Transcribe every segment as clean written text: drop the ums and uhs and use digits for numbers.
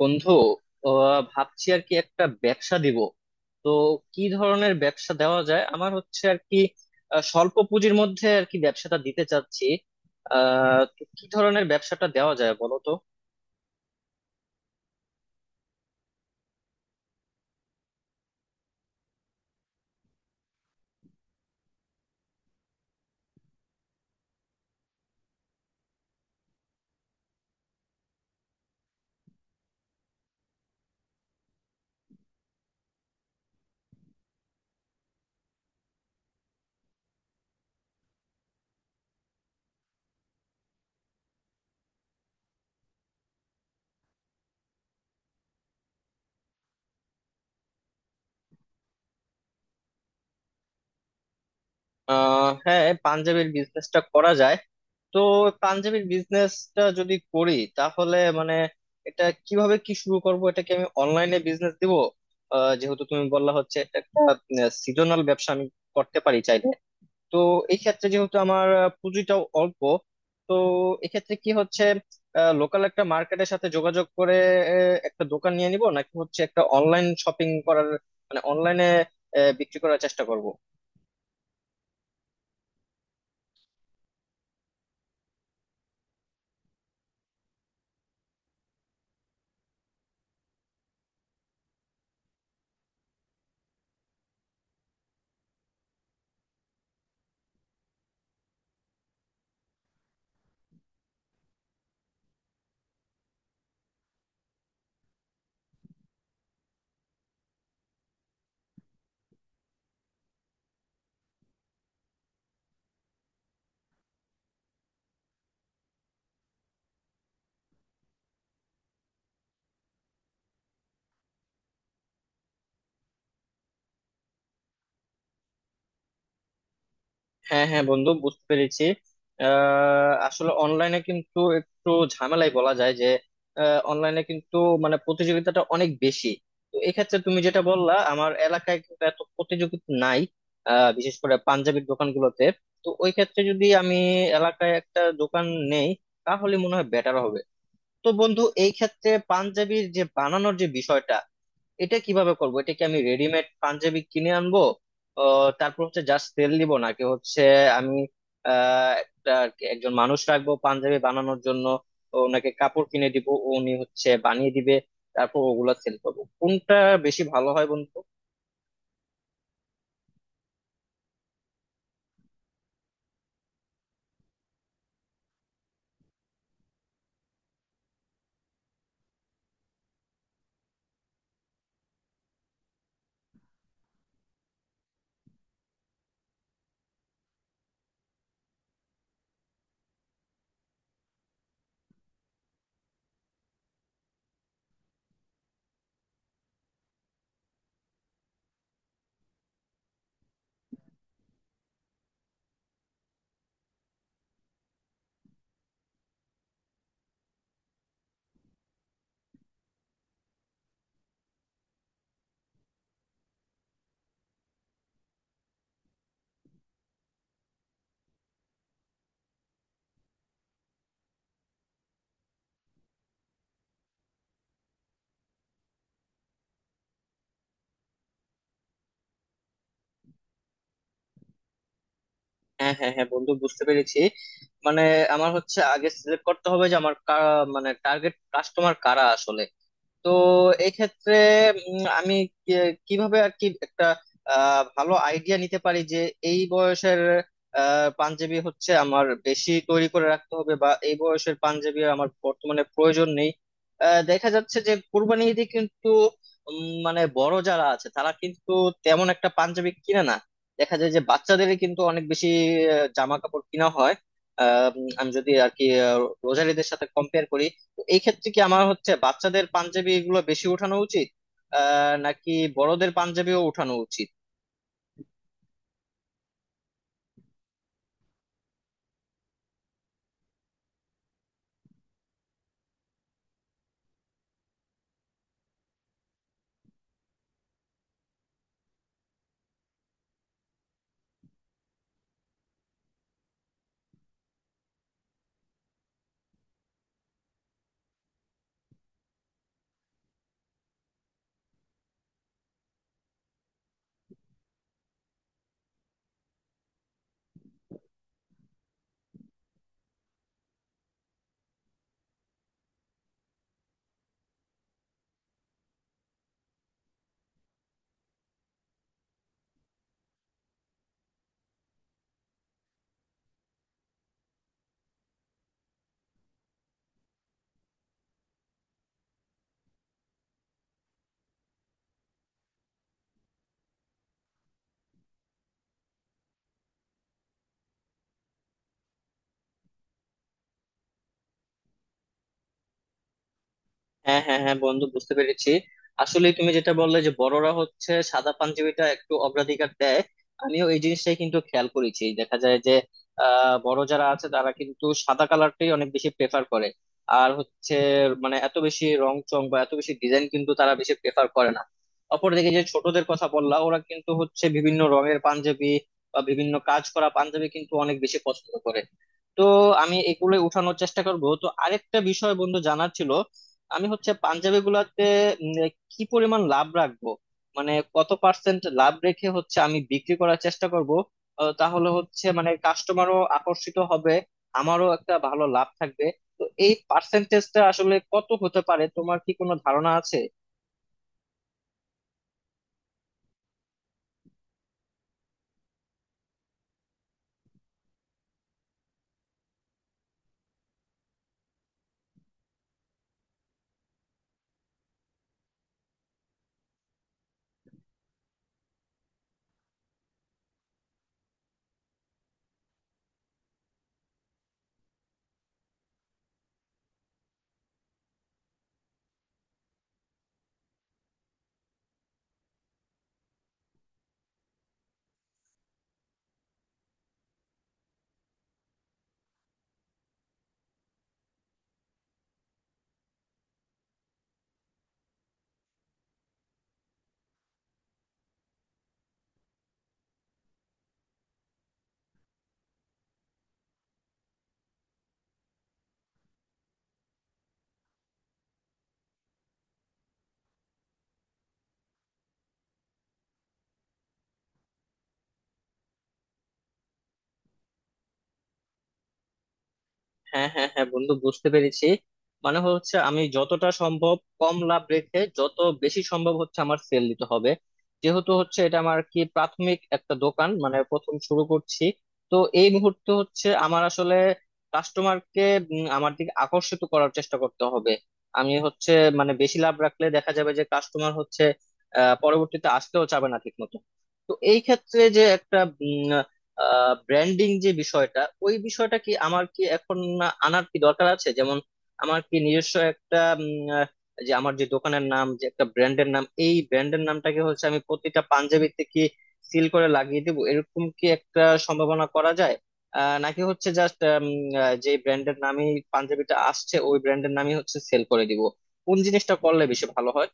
বন্ধু, ভাবছি আর কি একটা ব্যবসা দিব। তো কি ধরনের ব্যবসা দেওয়া যায় আমার হচ্ছে আর কি। স্বল্প পুঁজির মধ্যে আর কি ব্যবসাটা দিতে চাচ্ছি। তো কি ধরনের ব্যবসাটা দেওয়া যায় বলো তো? হ্যাঁ, পাঞ্জাবির বিজনেসটা করা যায়। তো পাঞ্জাবির বিজনেসটা যদি করি তাহলে মানে এটা কিভাবে কি শুরু করব, এটা কি আমি অনলাইনে বিজনেস দিব? যেহেতু তুমি বললা হচ্ছে এটা একটা সিজনাল ব্যবসা, আমি করতে পারি চাই। তো এই ক্ষেত্রে যেহেতু আমার পুঁজিটাও অল্প, তো এক্ষেত্রে কি হচ্ছে লোকাল একটা মার্কেটের সাথে যোগাযোগ করে একটা দোকান নিয়ে নিব, নাকি হচ্ছে একটা অনলাইন শপিং করার, মানে অনলাইনে বিক্রি করার চেষ্টা করব? হ্যাঁ হ্যাঁ বন্ধু, বুঝতে পেরেছি। আসলে অনলাইনে কিন্তু একটু ঝামেলাই বলা যায় যে, অনলাইনে কিন্তু মানে প্রতিযোগিতাটা অনেক বেশি। তো এক্ষেত্রে তুমি যেটা বললা, আমার এলাকায় কিন্তু এত প্রতিযোগিতা নাই, বিশেষ করে পাঞ্জাবির দোকানগুলোতে। তো ওই ক্ষেত্রে যদি আমি এলাকায় একটা দোকান নেই, তাহলে মনে হয় বেটার হবে। তো বন্ধু এই ক্ষেত্রে পাঞ্জাবির যে বানানোর যে বিষয়টা, এটা কিভাবে করবো, এটা কি আমি রেডিমেড পাঞ্জাবি কিনে আনবো, তারপর হচ্ছে জাস্ট তেল দিব, নাকি হচ্ছে আমি আহ, একটা একজন মানুষ রাখবো পাঞ্জাবি বানানোর জন্য, ওনাকে কাপড় কিনে দিব, উনি হচ্ছে বানিয়ে দিবে, তারপর ওগুলা সেল করবো? কোনটা বেশি ভালো হয় বন্ধু? হ্যাঁ হ্যাঁ হ্যাঁ বন্ধু, বুঝতে পেরেছি। মানে আমার হচ্ছে আগে সিলেক্ট করতে হবে যে আমার মানে টার্গেট কাস্টমার কারা আসলে। তো এক্ষেত্রে আমি কিভাবে আর কি একটা ভালো আইডিয়া নিতে পারি যে এই বয়সের পাঞ্জাবি হচ্ছে আমার বেশি তৈরি করে রাখতে হবে, বা এই বয়সের পাঞ্জাবি আমার বর্তমানে প্রয়োজন নেই। দেখা যাচ্ছে যে কোরবানি ঈদে কিন্তু মানে বড় যারা আছে তারা কিন্তু তেমন একটা পাঞ্জাবি কিনে না, দেখা যায় যে বাচ্চাদেরই কিন্তু অনেক বেশি জামা কাপড় কিনা হয়। আমি যদি আর কি রোজার ঈদের সাথে কম্পেয়ার করি, তো এই ক্ষেত্রে কি আমার হচ্ছে বাচ্চাদের পাঞ্জাবি এগুলো বেশি ওঠানো উচিত নাকি বড়দের পাঞ্জাবিও ওঠানো উচিত? হ্যাঁ হ্যাঁ হ্যাঁ বন্ধু, বুঝতে পেরেছি। আসলে তুমি যেটা বললে যে বড়রা হচ্ছে সাদা পাঞ্জাবিটা একটু অগ্রাধিকার দেয়, আমিও এই জিনিসটাই কিন্তু খেয়াল করেছি। দেখা যায় যে বড় যারা আছে তারা কিন্তু সাদা কালারটাই অনেক বেশি প্রেফার করে। আর হচ্ছে মানে এত বেশি রং চং বা এত বেশি ডিজাইন কিন্তু তারা বেশি প্রেফার করে না। অপরদিকে যে ছোটদের কথা বললা, ওরা কিন্তু হচ্ছে বিভিন্ন রঙের পাঞ্জাবি বা বিভিন্ন কাজ করা পাঞ্জাবি কিন্তু অনেক বেশি পছন্দ করে। তো আমি এগুলোই উঠানোর চেষ্টা করব। তো আরেকটা বিষয় বন্ধু জানার ছিল, আমি হচ্ছে পাঞ্জাবি গুলাতে উম, কি পরিমাণ লাভ রাখবো, মানে কত পার্সেন্ট লাভ রেখে হচ্ছে আমি বিক্রি করার চেষ্টা করব, তাহলে হচ্ছে মানে কাস্টমারও আকর্ষিত হবে, আমারও একটা ভালো লাভ থাকবে? তো এই পার্সেন্টেজটা আসলে কত হতে পারে, তোমার কি কোনো ধারণা আছে? হ্যাঁ হ্যাঁ হ্যাঁ বন্ধু, বুঝতে পেরেছি। মানে হচ্ছে আমি যতটা সম্ভব কম লাভ রেখে যত বেশি সম্ভব হচ্ছে আমার সেল দিতে হবে। যেহেতু হচ্ছে এটা আমার কি প্রাথমিক একটা দোকান, মানে প্রথম শুরু করছি, তো এই মুহূর্তে হচ্ছে আমার আসলে কাস্টমারকে আমার দিকে আকর্ষিত করার চেষ্টা করতে হবে। আমি হচ্ছে মানে বেশি লাভ রাখলে দেখা যাবে যে কাস্টমার হচ্ছে পরবর্তীতে আসতেও চাবে না ঠিক মতো। তো এই ক্ষেত্রে যে একটা ব্র্যান্ডিং যে বিষয়টা, ওই বিষয়টা কি আমার কি এখন আনার কি দরকার আছে? যেমন আমার কি নিজস্ব একটা যে আমার যে দোকানের নাম, যে একটা ব্র্যান্ডের নাম, এই ব্র্যান্ডের নামটাকে হচ্ছে আমি প্রতিটা পাঞ্জাবিতে কি সিল করে লাগিয়ে দেবো, এরকম কি একটা সম্ভাবনা করা যায়, নাকি হচ্ছে জাস্ট যে ব্র্যান্ডের নামই পাঞ্জাবিটা আসছে ওই ব্র্যান্ডের নামই হচ্ছে সেল করে দিব? কোন জিনিসটা করলে বেশি ভালো হয়?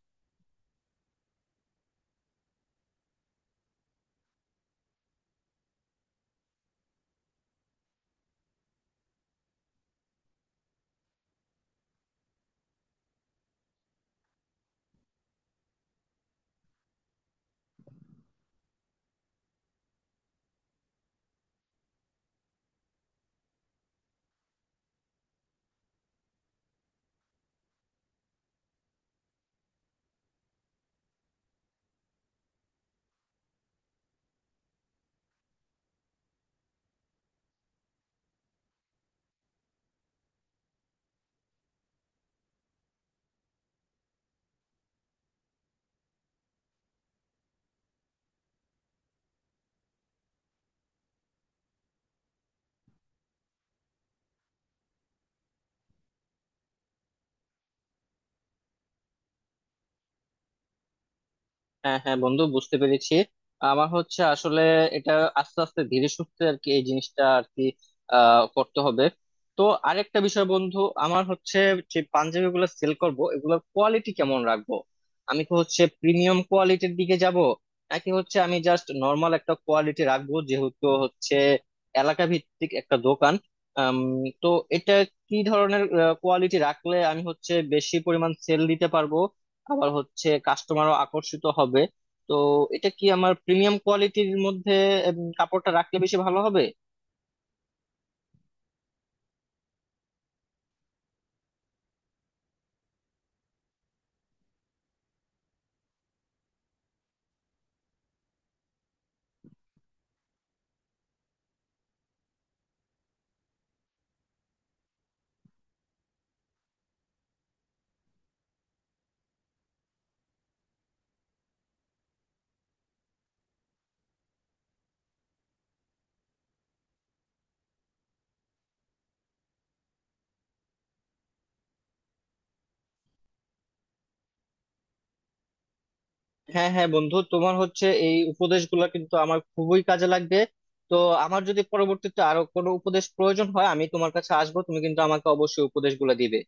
হ্যাঁ হ্যাঁ বন্ধু, বুঝতে পেরেছি। আমার হচ্ছে আসলে এটা আস্তে আস্তে ধীরে সুস্থে আর কি এই জিনিসটা আর কি করতে হবে। তো আরেকটা বিষয় বন্ধু, আমার হচ্ছে যে পাঞ্জাবি গুলো সেল করবো এগুলোর কোয়ালিটি কেমন রাখবো? আমি কি হচ্ছে প্রিমিয়াম কোয়ালিটির দিকে যাব, নাকি হচ্ছে আমি জাস্ট নর্মাল একটা কোয়ালিটি রাখবো, যেহেতু হচ্ছে এলাকা ভিত্তিক একটা দোকান। আম, তো এটা কি ধরনের কোয়ালিটি রাখলে আমি হচ্ছে বেশি পরিমাণ সেল দিতে পারবো, আবার হচ্ছে কাস্টমারও আকর্ষিত হবে? তো এটা কি আমার প্রিমিয়াম কোয়ালিটির মধ্যে কাপড়টা রাখলে বেশি ভালো হবে? হ্যাঁ হ্যাঁ বন্ধু, তোমার হচ্ছে এই উপদেশগুলো কিন্তু আমার খুবই কাজে লাগবে। তো আমার যদি পরবর্তীতে আরো কোনো উপদেশ প্রয়োজন হয়, আমি তোমার কাছে আসবো, তুমি কিন্তু আমাকে অবশ্যই উপদেশগুলো দিবে।